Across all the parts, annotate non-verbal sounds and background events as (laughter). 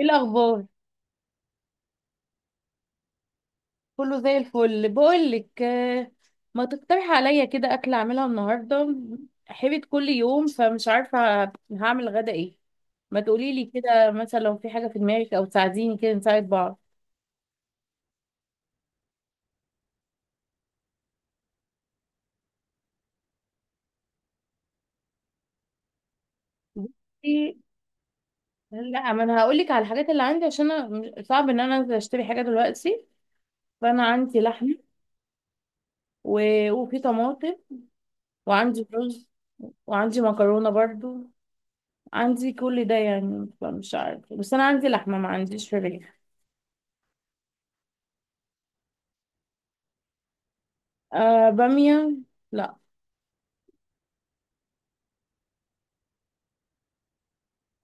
ايه الاخبار؟ كله زي الفل بقول لك. ما تقترح عليا كده اكل اعملها النهارده؟ حبيت كل يوم فمش عارفه هعمل غدا ايه. ما تقولي لي كده مثلا لو في حاجه في دماغك او تساعديني كده نساعد بعض. بصي، لا ما انا هقول لك على الحاجات اللي عندي عشان أنا صعب ان انا انزل اشتري حاجه دلوقتي. فانا عندي لحمه و... وفي طماطم، وعندي رز، وعندي مكرونه برضو. عندي كل ده يعني، فمش عارفه، بس انا عندي لحمه ما عنديش فراخ. آه بامية، لا.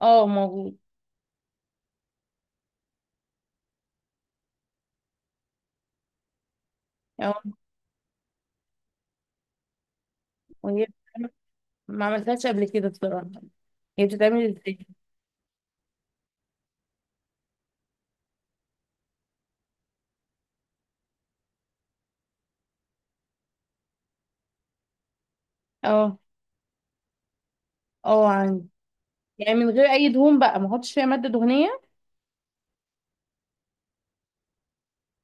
اه موجود. اه وهي بتتعمل- ما عملتهاش قبل كده بصراحة. هي بتتعمل ازاي؟ اه، اه عندي. يعني من غير اي دهون بقى، ما احطش فيها مادة دهنية؟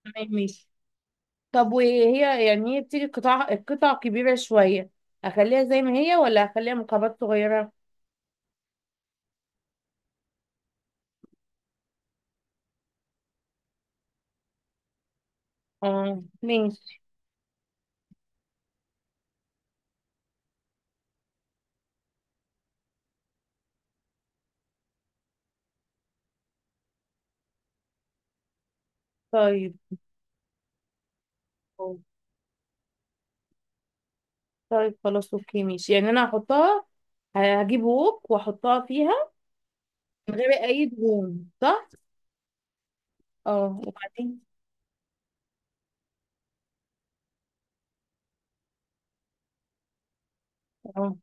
تمام ماشي. طب وهي يعني هي بتيجي قطع قطع كبيرة شوية، اخليها زي ما هي ولا اخليها مكعبات صغيرة؟ اه ماشي. طيب. طيب خلاص اوكي ماشي، يعني انا هحطها، هجيب ووك واحطها فيها. من غير اي دهون، صح؟ اه وبعدين؟ اه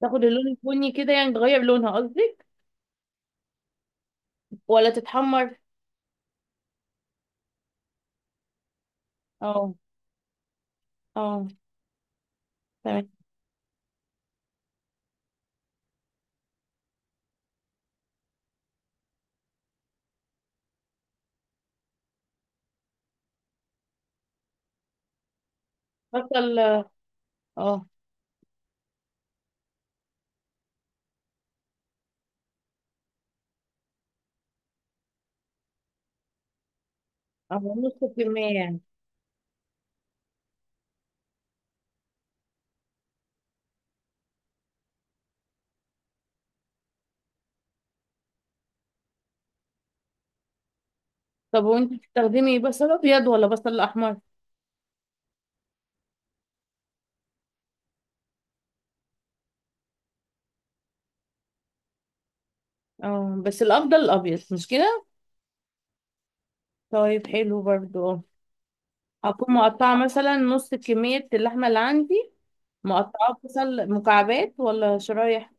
تاخد اللون البني كده يعني، تغير لونها قصدك، ولا تتحمر؟ اه، اه تمام. بصل اه. اه، نص كمية يعني؟ طب وانت بتستخدمي بصل ابيض ولا بصل احمر؟ اه، بس الافضل الابيض مش كده؟ طيب حلو برضو اه. هكون مقطعة مثلا نص كمية اللحمة اللي عندي، مقطعة بصل مكعبات ولا شرايح؟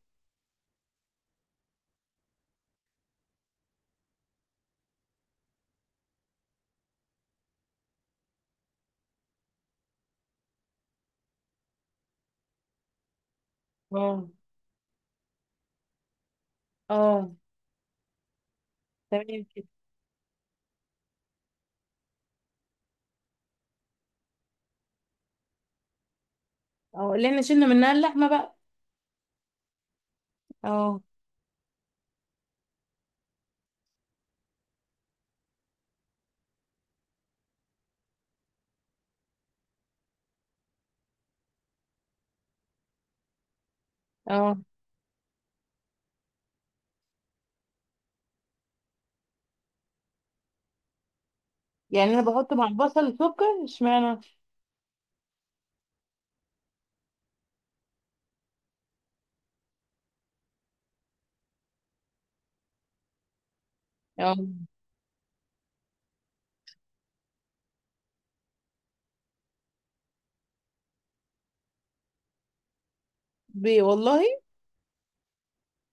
اه، اه تمام كده. اه اللي احنا شلنا منها اللحمة بقى. اه، اه. يعني انا بحط مع البصل سكر، اشمعنى؟ اه، بي والله؟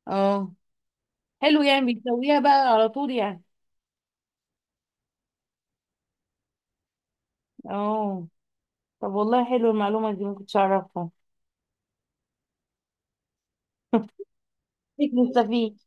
اه حلو، يعني بيسويها بقى على طول يعني. اه طب والله حلو المعلومة دي، ما كنتش اعرفها. (laughs) هيك مستفيد.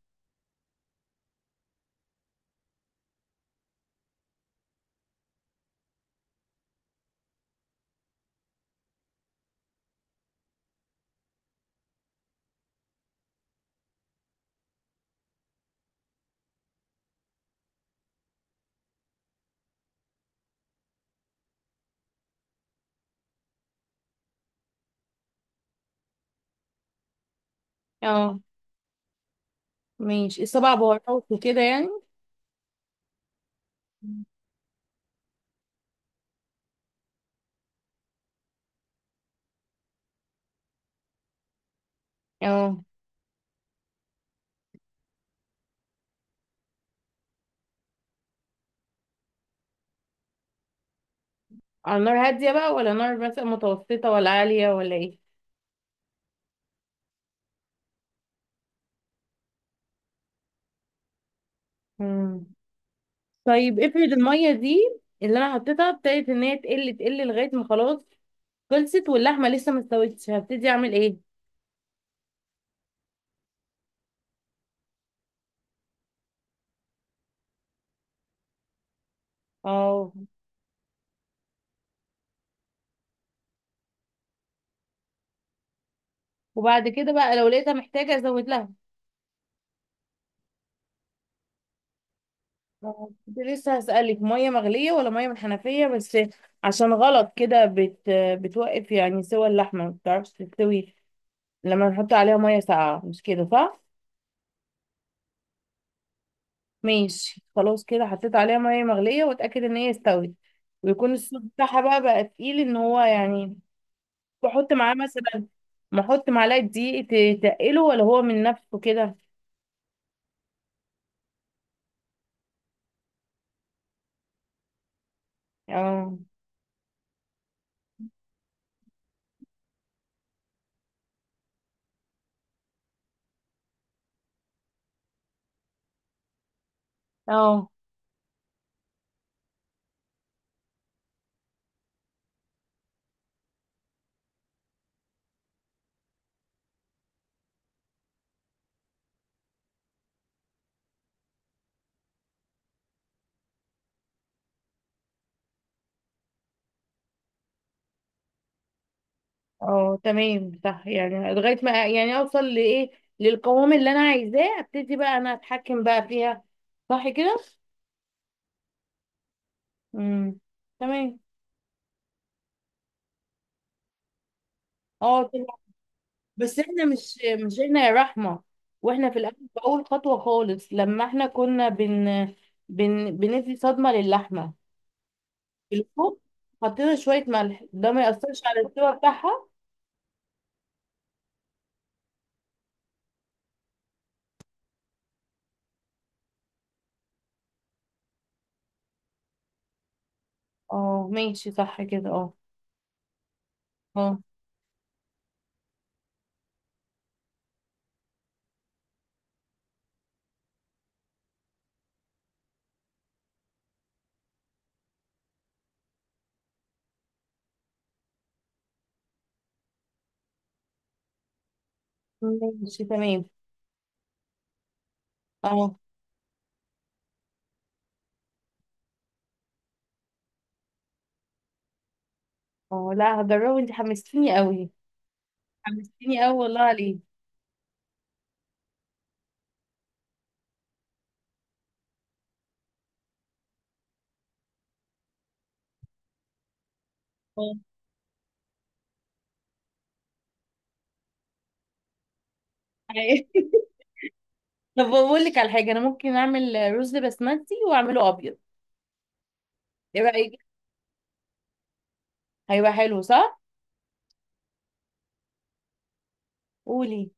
اه ماشي، السبع بهارات وكده يعني. اه، على نار هادية بقى ولا نار مثلا متوسطة ولا عالية ولا ايه؟ مم. طيب افرض المية دي اللي انا حطيتها ابتدت ان هي تقل تقل لغاية ما خلاص خلصت، واللحمة لسه ما استوتش، هبتدي اعمل ايه؟ اه، وبعد كده بقى لو لقيتها محتاجة ازود لها؟ كنت لسه هسألك، مية مغلية ولا مية من الحنفية بس، عشان غلط كده بتوقف يعني، سوى اللحمة ما بتعرفش تستوي لما نحط عليها مية ساقعة، مش كده صح؟ ماشي خلاص كده، حطيت عليها مية مغلية واتأكد ان هي استوت، ويكون الصوص بتاعها بقى تقيل ان هو يعني. بحط معاه مثلا، بحط معلقة دقيق، تقله ولا هو من نفسه كده؟ اه، اه، اه تمام صح يعني، لغاية ما يعني اوصل لايه، للقوام اللي انا عايزاه ابتدي بقى انا اتحكم بقى فيها، صح كده؟ امم تمام. اه كده. بس احنا مش احنا يا رحمة، واحنا في الاول، في اول خطوة خالص، لما احنا كنا بن بن بندي صدمة للحمة في الفوق، حطينا شوية ملح ده ما يأثرش على السوا بتاعها؟ اه ماشي صح كده اه. اه ماشي تمام. اه، اه لا هجربه، انت حمستيني قوي. حمستيني قوي والله عليه. آه. أيوة. (laughs) طب بقول لك على حاجه، انا ممكن اعمل رز بسمتي واعمله ابيض، ايه رايك؟ هيبقى حلو صح؟ قولي.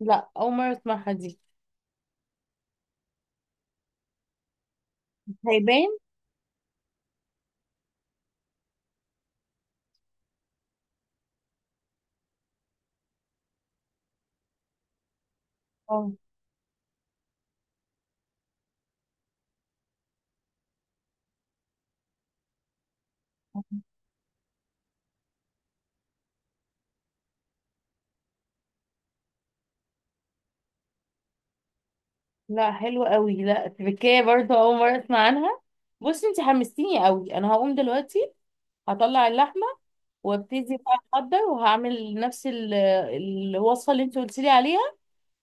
لا اول مره اسمعها دي. هيبان. اه لا حلو قوي، لا تركية برضه اول مره اسمع عنها. بصي انت حمستيني قوي، انا هقوم دلوقتي، هطلع اللحمه، وابتدي بقى احضر، وهعمل نفس الوصفه اللي انت قلت لي عليها.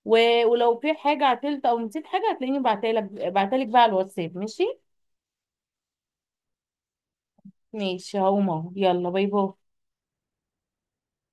ولو في حاجه عطلت او نسيت حاجه، هتلاقيني بعتلك بقى على الواتساب ماشي. ماشي هقوم اهو، يلا باي باي.